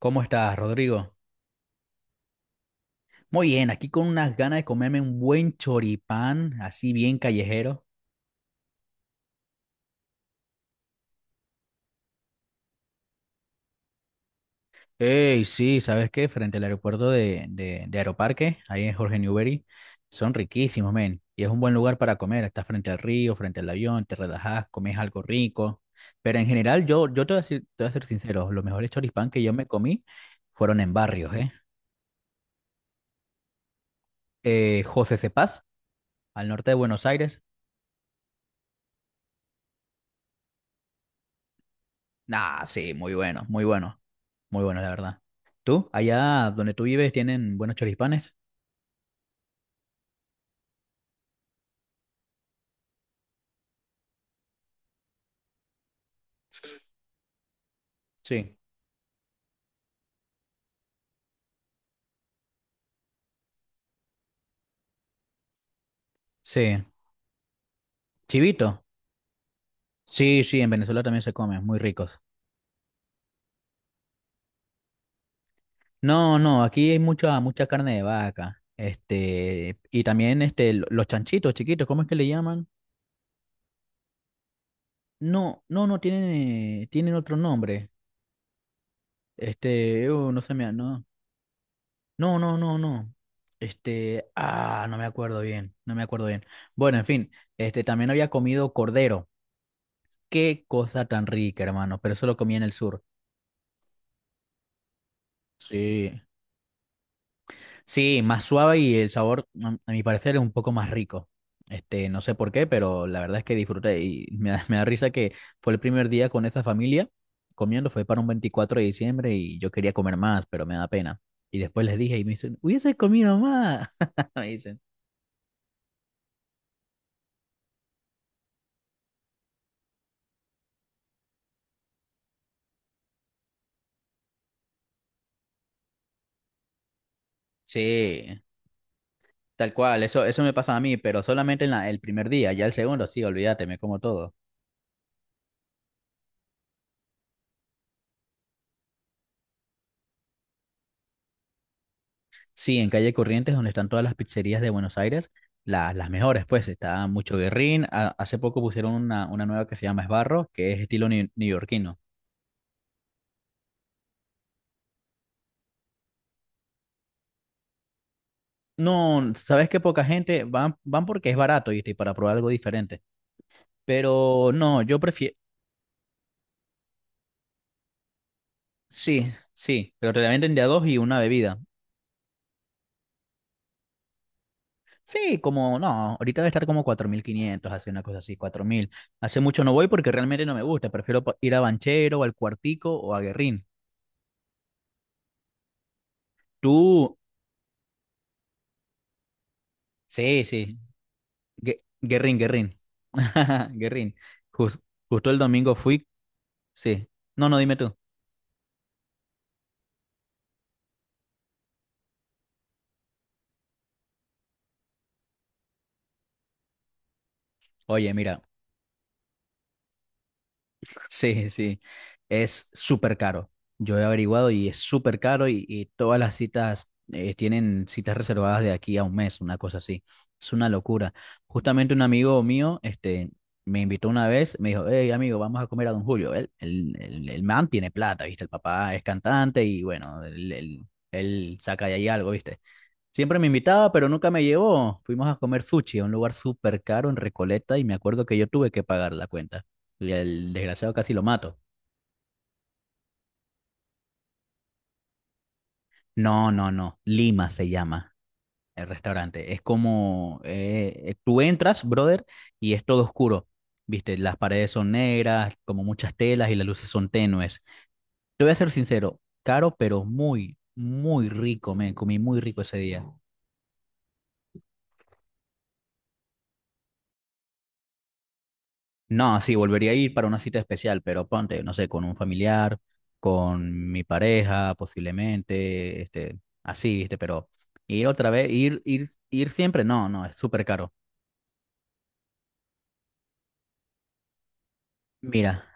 ¿Cómo estás, Rodrigo? Muy bien, aquí con unas ganas de comerme un buen choripán, así bien callejero. Ey, sí, ¿sabes qué? Frente al aeropuerto de Aeroparque, ahí en Jorge Newbery, son riquísimos, men. Y es un buen lugar para comer, estás frente al río, frente al avión, te relajas, comes algo rico. Pero en general, yo te voy a decir- te voy a ser sincero, los mejores choripán que yo me comí fueron en barrios, ¿eh? José Cepaz, al norte de Buenos Aires. Ah, sí, muy bueno, muy bueno. Muy bueno la verdad. ¿Tú? Allá donde tú vives tienen buenos choripanes. Sí. Sí. Chivito. Sí, sí, en Venezuela también se comen, muy ricos. No, no, aquí hay mucha, mucha carne de vaca. Este, y también este, los chanchitos chiquitos, ¿cómo es que le llaman? No, no, no, tienen otro nombre. Este, no se me, no. No, no, no, no. Este, ah, no me acuerdo bien, no me acuerdo bien. Bueno, en fin, este, también había comido cordero. Qué cosa tan rica, hermano, pero eso lo comí en el sur. Sí. Sí, más suave y el sabor, mm, a mi parecer, es un poco más rico. Este, no sé por qué, pero la verdad es que disfruté y me da, me da risa que fue el primer día con esa familia comiendo, fue para un 24 de diciembre y yo quería comer más, pero me da pena. Y después les dije y me dicen, hubiese comido más. Me dicen, sí, tal cual, eso me pasa a mí, pero solamente en el primer día, ya el segundo, sí, olvídate, me como todo. Sí, en calle Corrientes, donde están todas las pizzerías de Buenos Aires, las mejores, pues está Mucho Guerrín. Hace poco pusieron una nueva que se llama Esbarro, que es estilo neoyorquino. No, sabes que poca gente van, van porque es barato, ¿viste? Y para probar algo diferente. Pero no, yo prefiero. Sí, sí, pero te la venden de a dos y una bebida. Sí, como no, ahorita debe estar como 4.500, hace una cosa así, 4.000. Hace mucho no voy porque realmente no me gusta, prefiero ir a Banchero, o al Cuartico o a Guerrín. Tú, sí, sí. Guerrín, Guerrín. Guerrín. Jus- justo el domingo fui. Sí. No, no, dime tú. Oye, mira. Sí, sí, es súper caro. Yo he averiguado y es súper caro y todas las citas, tienen citas reservadas de aquí a un mes, una cosa así. Es una locura. Justamente un amigo mío, este, me invitó una vez, me dijo, hey amigo, vamos a comer a Don Julio. Él, el man tiene plata, ¿viste? El papá es cantante y bueno, él saca de ahí algo, ¿viste? Siempre me invitaba, pero nunca me llevó. Fuimos a comer sushi a un lugar súper caro en Recoleta y me acuerdo que yo tuve que pagar la cuenta. Y el desgraciado casi lo mato. No, no, no. Lima se llama el restaurante. Es como, tú entras, brother, y es todo oscuro. Viste, las paredes son negras, como muchas telas y las luces son tenues. Te voy a ser sincero, caro, pero muy, muy rico, me comí muy rico ese día. No, sí, volvería a ir para una cita especial, pero ponte, no sé, con un familiar, con mi pareja, posiblemente, este, así, este, pero ir otra vez, ir siempre, no, no, es súper caro. Mira,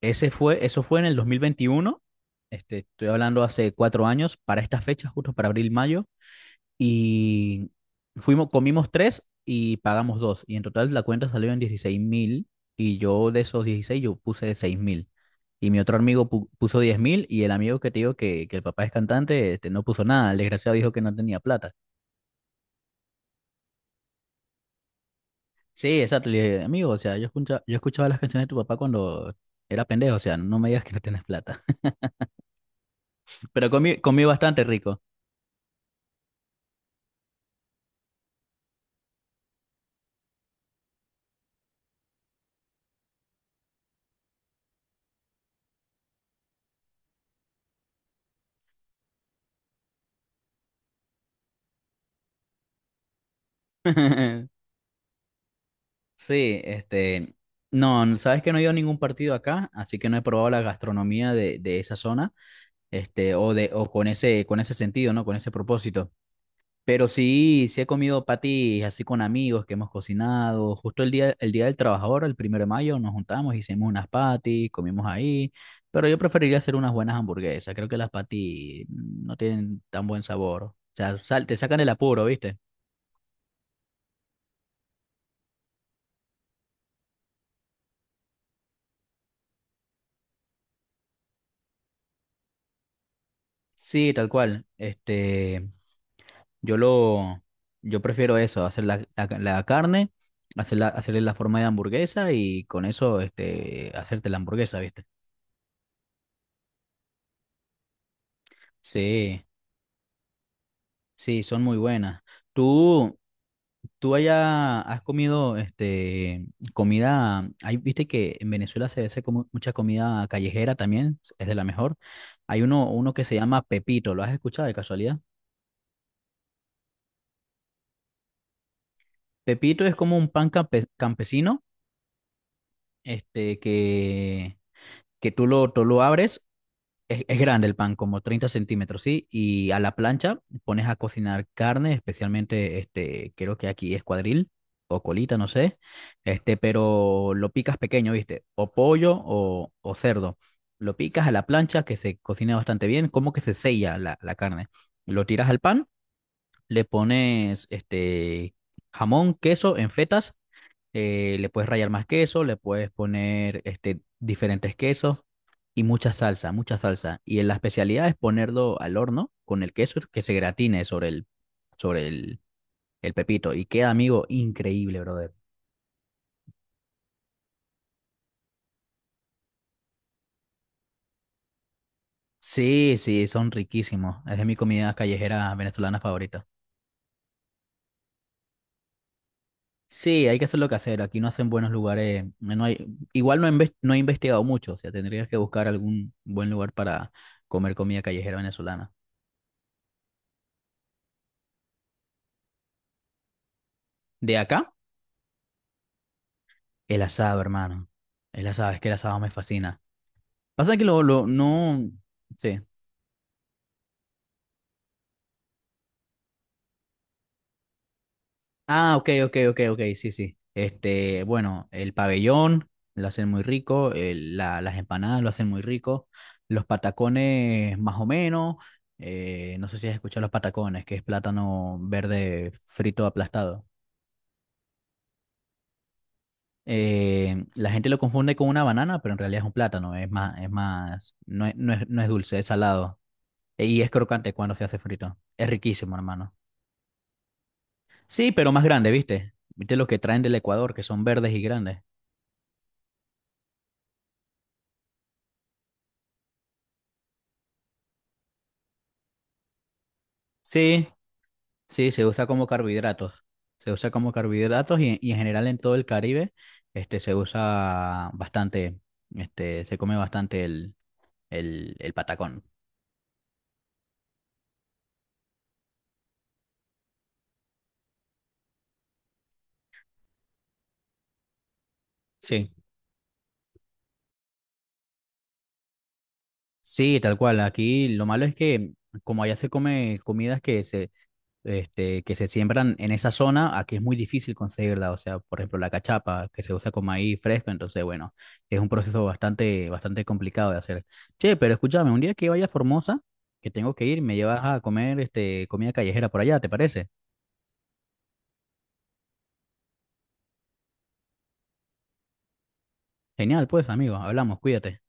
eso fue en el 2021, este, estoy hablando hace 4 años, para estas fechas, justo para abril, mayo, y fuimos, comimos tres y pagamos dos. Y en total la cuenta salió en 16.000 y yo de esos 16 yo puse 6.000. Y mi otro amigo puso 10.000 y el amigo que te digo que el papá es cantante este, no puso nada. El desgraciado dijo que no tenía plata. Sí, exacto. Le dije, amigo, o sea, yo escuchaba las canciones de tu papá cuando era pendejo. O sea, no me digas que no tienes plata. Pero comí, comí bastante rico. Sí, este... No, sabes que no he ido a ningún partido acá, así que no he probado la gastronomía de esa zona. Este, o, de, o con ese, sentido, ¿no? Con ese propósito. Pero sí, sí he comido patis así con amigos que hemos cocinado. Justo el día del trabajador, el 1 de mayo, nos juntamos, hicimos unas patis, comimos ahí. Pero yo preferiría hacer unas buenas hamburguesas. Creo que las patis no tienen tan buen sabor. O sea, te sacan el apuro, ¿viste? Sí, tal cual. Este, Yo lo, yo prefiero eso, hacer la carne, hacerla, hacerle la forma de hamburguesa y con eso, este, hacerte la hamburguesa, ¿viste? Sí, sí, son muy buenas. Tú, tú allá has comido, este, comida, hay, viste que en Venezuela se hace como mucha comida callejera también, es de la mejor. Hay uno que se llama Pepito, ¿lo has escuchado de casualidad? Pepito es como un pan campesino, este, que tú lo abres. Es grande el pan, como 30 centímetros, ¿sí? Y a la plancha pones a cocinar carne, especialmente, este, creo que aquí es cuadril o colita, no sé, este, pero lo picas pequeño, ¿viste? O pollo o cerdo. Lo picas a la plancha que se cocina bastante bien, como que se sella la carne. Lo tiras al pan, le pones este jamón, queso en fetas, le puedes rallar más queso, le puedes poner este, diferentes quesos y mucha salsa, mucha salsa. Y la especialidad es ponerlo al horno con el queso que se gratine sobre el pepito. Y queda, amigo, increíble, brother. Sí, sí, son riquísimos. Es de mi comida callejera venezolana favorita. Sí, hay que hacerlo casero. Aquí no hacen buenos lugares. No hay, igual no he investigado mucho. O sea, tendrías que buscar algún buen lugar para comer comida callejera venezolana. ¿De acá? El asado, hermano. El asado, es que el asado me fascina. Pasa que no, sí. Ah, ok, ok, ok, ok, sí, sí. Este, bueno, el pabellón lo hacen muy rico, las empanadas lo hacen muy rico, los patacones más o menos, no sé si has escuchado los patacones, que es plátano verde frito aplastado. La gente lo confunde con una banana, pero en realidad es un plátano, es más, no es, no es, no es dulce, es salado. Y es crocante cuando se hace frito. Es riquísimo, hermano. Sí, pero más grande, ¿viste? ¿Viste los que traen del Ecuador, que son verdes y grandes? Sí, sí, se usa como carbohidratos. Se usa como carbohidratos y en general en todo el Caribe, este, se usa bastante, este, se come bastante el patacón. Sí, sí, tal cual. Aquí lo malo es que como allá se come comidas que se siembran en esa zona, aquí es muy difícil conseguirla. O sea, por ejemplo, la cachapa, que se usa con maíz fresco, entonces, bueno, es un proceso bastante, bastante complicado de hacer. Che, pero escúchame, un día que vaya a Formosa, que tengo que ir, me llevas a comer este, comida callejera por allá, ¿te parece? Genial, pues, amigo, hablamos, cuídate.